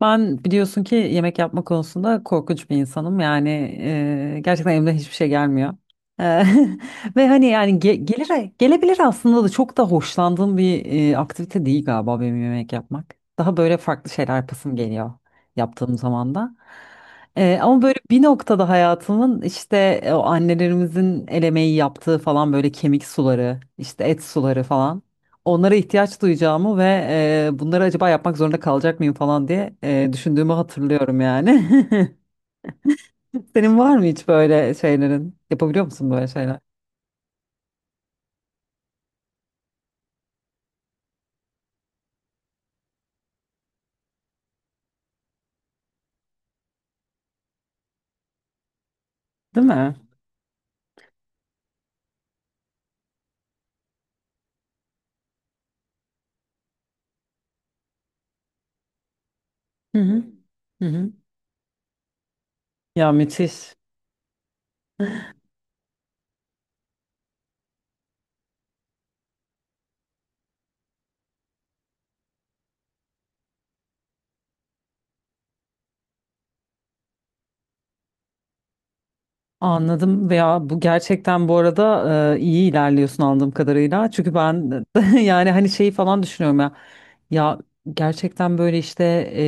Ben biliyorsun ki yemek yapma konusunda korkunç bir insanım. Yani gerçekten elimden hiçbir şey gelmiyor. E, Ve hani yani gelir gelebilir aslında da çok da hoşlandığım bir aktivite değil galiba benim yemek yapmak. Daha böyle farklı şeyler yapasım geliyor yaptığım zaman da. Ama böyle bir noktada hayatımın işte o annelerimizin el emeği yaptığı falan böyle kemik suları, işte et suları falan onlara ihtiyaç duyacağımı ve bunları acaba yapmak zorunda kalacak mıyım falan diye düşündüğümü hatırlıyorum yani. Senin var mı hiç böyle şeylerin? Yapabiliyor musun böyle şeyler? Değil mi? Hı hı. Hı hı. Ya müthiş. Anladım, veya bu gerçekten bu arada iyi ilerliyorsun anladığım kadarıyla. Çünkü ben yani hani şeyi falan düşünüyorum ya. Ya gerçekten böyle işte e,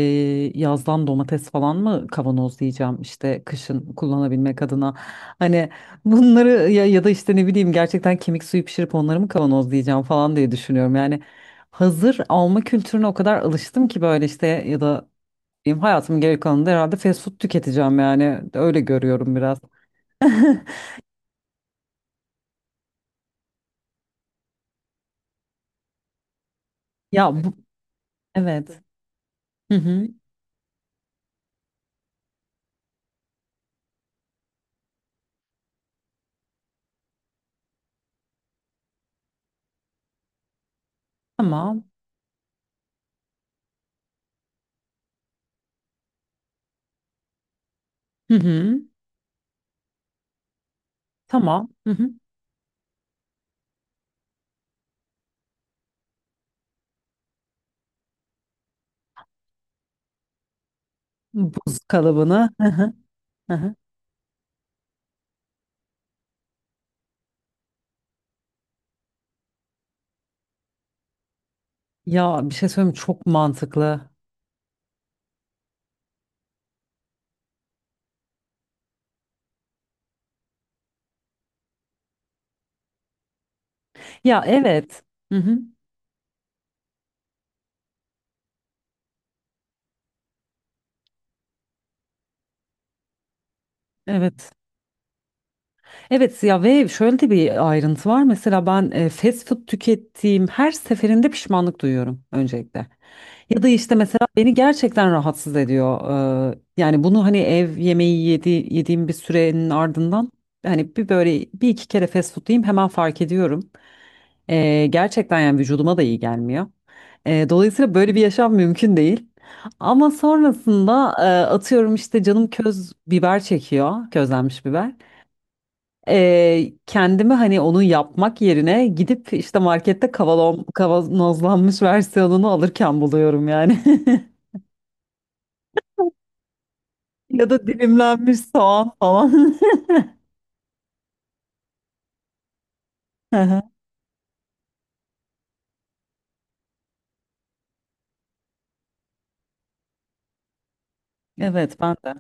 yazdan domates falan mı kavanoz diyeceğim işte kışın kullanabilmek adına. Hani bunları ya, ya da işte ne bileyim gerçekten kemik suyu pişirip onları mı kavanoz diyeceğim falan diye düşünüyorum. Yani hazır alma kültürüne o kadar alıştım ki böyle işte ya da diyeyim hayatımın geri kalanında herhalde fast food tüketeceğim yani öyle görüyorum biraz. Ya bu evet. Hı hı. Tamam. Hı hı. Tamam. Hı hı. Buz kalıbını. Hı hı. Hı hı. Ya bir şey söyleyeyim mi? Çok mantıklı. Ya evet. Hı hı. Evet. Evet ya, ve şöyle de bir ayrıntı var. Mesela ben fast food tükettiğim her seferinde pişmanlık duyuyorum öncelikle. Ya da işte mesela beni gerçekten rahatsız ediyor. Yani bunu hani ev yemeği yediğim bir sürenin ardından hani bir böyle bir iki kere fast food yiyeyim hemen fark ediyorum. Gerçekten yani vücuduma da iyi gelmiyor. Dolayısıyla böyle bir yaşam mümkün değil. Ama sonrasında atıyorum işte canım köz biber çekiyor, közlenmiş biber. Kendimi hani onu yapmak yerine gidip işte markette kavanozlanmış versiyonunu alırken buluyorum yani. Ya da dilimlenmiş soğan falan. Hı hı. Evet ben de.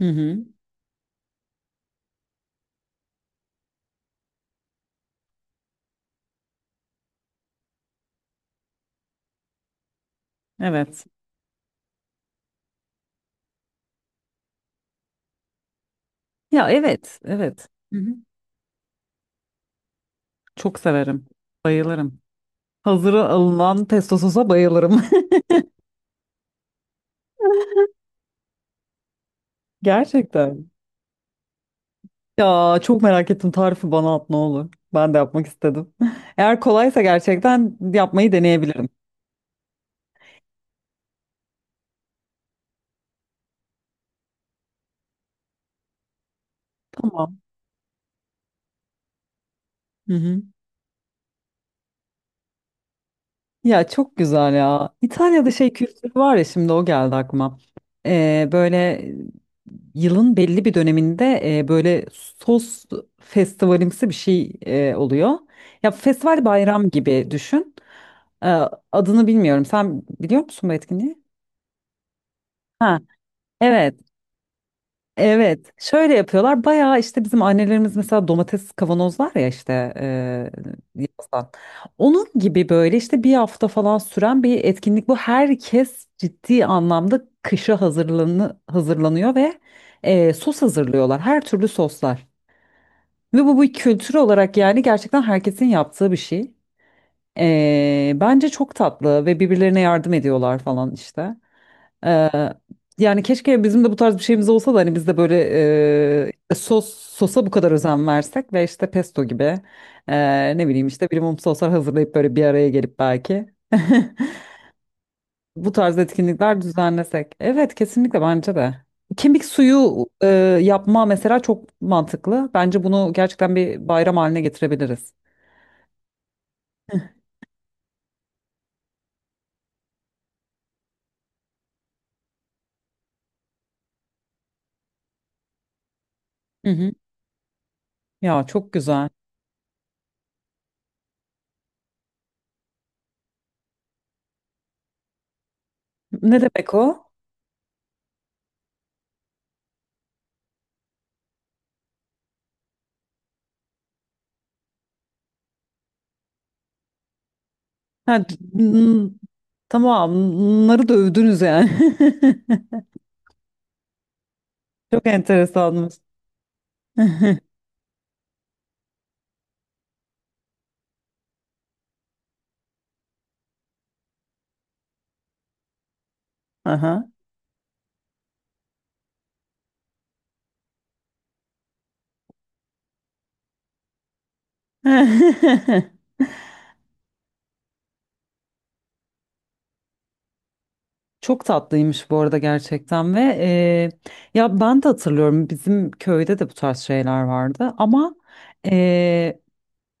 Hı hı. Evet. Ya evet, evet. Hı hı. Çok severim. Bayılırım. Hazıra alınan pesto sosa bayılırım. Gerçekten. Ya çok merak ettim. Tarifi bana at ne olur. Ben de yapmak istedim. Eğer kolaysa gerçekten yapmayı deneyebilirim. Tamam. Hı hı. Ya çok güzel ya. İtalya'da şey kültürü var ya, şimdi o geldi aklıma. Böyle yılın belli bir döneminde böyle sos festivalimsi bir şey oluyor. Ya festival bayram gibi düşün. Ee, Adını bilmiyorum. Sen biliyor musun bu etkinliği? Ha, evet. Evet, şöyle yapıyorlar. Bayağı işte bizim annelerimiz mesela domates kavanozlar ya işte yazdan. Onun gibi böyle işte bir hafta falan süren bir etkinlik bu. Herkes ciddi anlamda kışa hazırlanıyor ve sos hazırlıyorlar. Her türlü soslar. Ve bu bir kültür olarak yani gerçekten herkesin yaptığı bir şey. Bence çok tatlı ve birbirlerine yardım ediyorlar falan işte. Ee, Yani keşke bizim de bu tarz bir şeyimiz olsa da hani biz de böyle sosa bu kadar özen versek ve işte pesto gibi ne bileyim işte bir mum soslar hazırlayıp böyle bir araya gelip belki bu tarz etkinlikler düzenlesek. Evet kesinlikle bence de. Kemik suyu yapma mesela çok mantıklı. Bence bunu gerçekten bir bayram haline getirebiliriz. Hı hı. Ya çok güzel. Ne demek o? Ha, n- tamam, narı dövdünüz yani. Çok enteresanmış. Aha. Çok tatlıymış bu arada gerçekten ve ya ben de hatırlıyorum bizim köyde de bu tarz şeyler vardı ama e,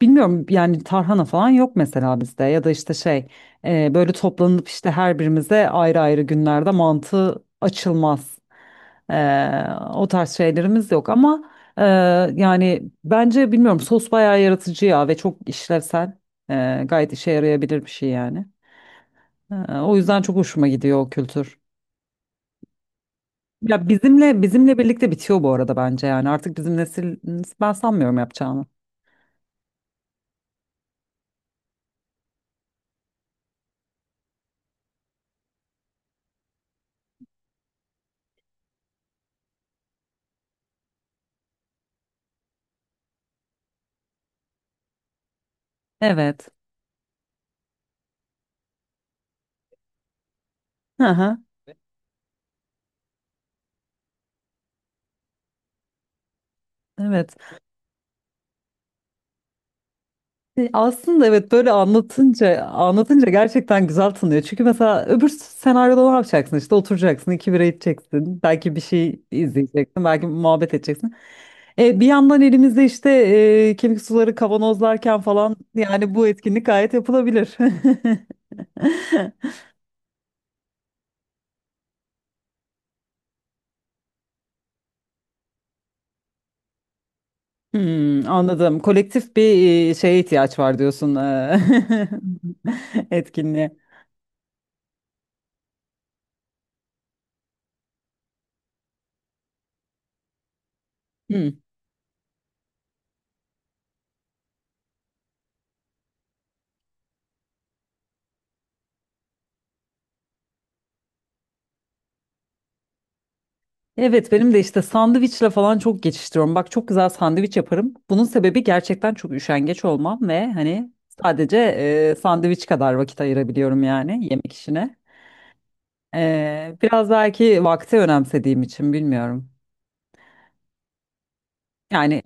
bilmiyorum yani tarhana falan yok mesela bizde ya da işte şey böyle toplanıp işte her birimize ayrı ayrı günlerde mantı açılmaz. E, O tarz şeylerimiz yok ama e, yani bence bilmiyorum sos bayağı yaratıcı ya ve çok işlevsel. Gayet işe yarayabilir bir şey yani. O yüzden çok hoşuma gidiyor o kültür. Ya bizimle birlikte bitiyor bu arada bence, yani artık bizim nesil ben sanmıyorum yapacağını. Evet. Hı hı. Evet. Aslında evet, böyle anlatınca gerçekten güzel tınlıyor. Çünkü mesela öbür senaryoda ne yapacaksın, işte oturacaksın iki bira içeceksin belki bir şey izleyeceksin belki muhabbet edeceksin. Bir yandan elimizde işte kemik suları kavanozlarken falan, yani bu etkinlik gayet yapılabilir. Hmm, anladım. Kolektif bir şeye ihtiyaç var diyorsun, etkinliğe. Hmm. Evet benim de işte sandviçle falan çok geçiştiriyorum. Bak çok güzel sandviç yaparım. Bunun sebebi gerçekten çok üşengeç olmam ve hani sadece sandviç kadar vakit ayırabiliyorum yani yemek işine. Biraz belki vakti önemsediğim için, bilmiyorum. Yani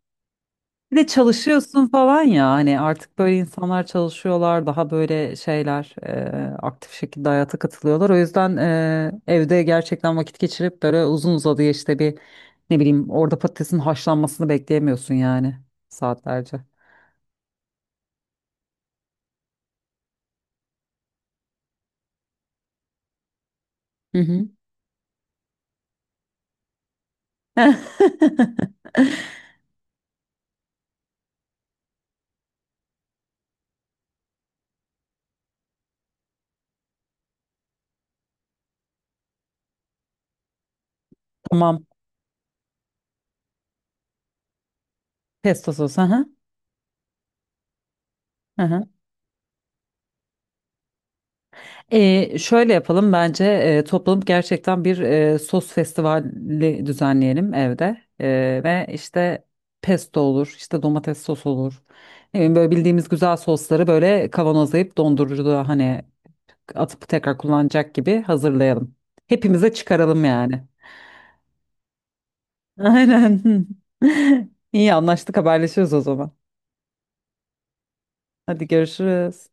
bir de çalışıyorsun falan ya, hani artık böyle insanlar çalışıyorlar, daha böyle şeyler aktif şekilde hayata katılıyorlar. O yüzden evde gerçekten vakit geçirip böyle uzun uzadıya işte bir ne bileyim orada patatesin haşlanmasını bekleyemiyorsun yani saatlerce. Hı hı. Tamam, pesto sos. Hı hı. Hı hı. Şöyle yapalım bence, toplanıp gerçekten bir sos festivali düzenleyelim evde. Ve işte pesto olur işte domates sos olur, ne bileyim, böyle bildiğimiz güzel sosları böyle kavanozlayıp dondurucuda hani atıp tekrar kullanacak gibi hazırlayalım. Hepimize çıkaralım yani. Aynen. İyi anlaştık, haberleşiyoruz o zaman. Hadi görüşürüz.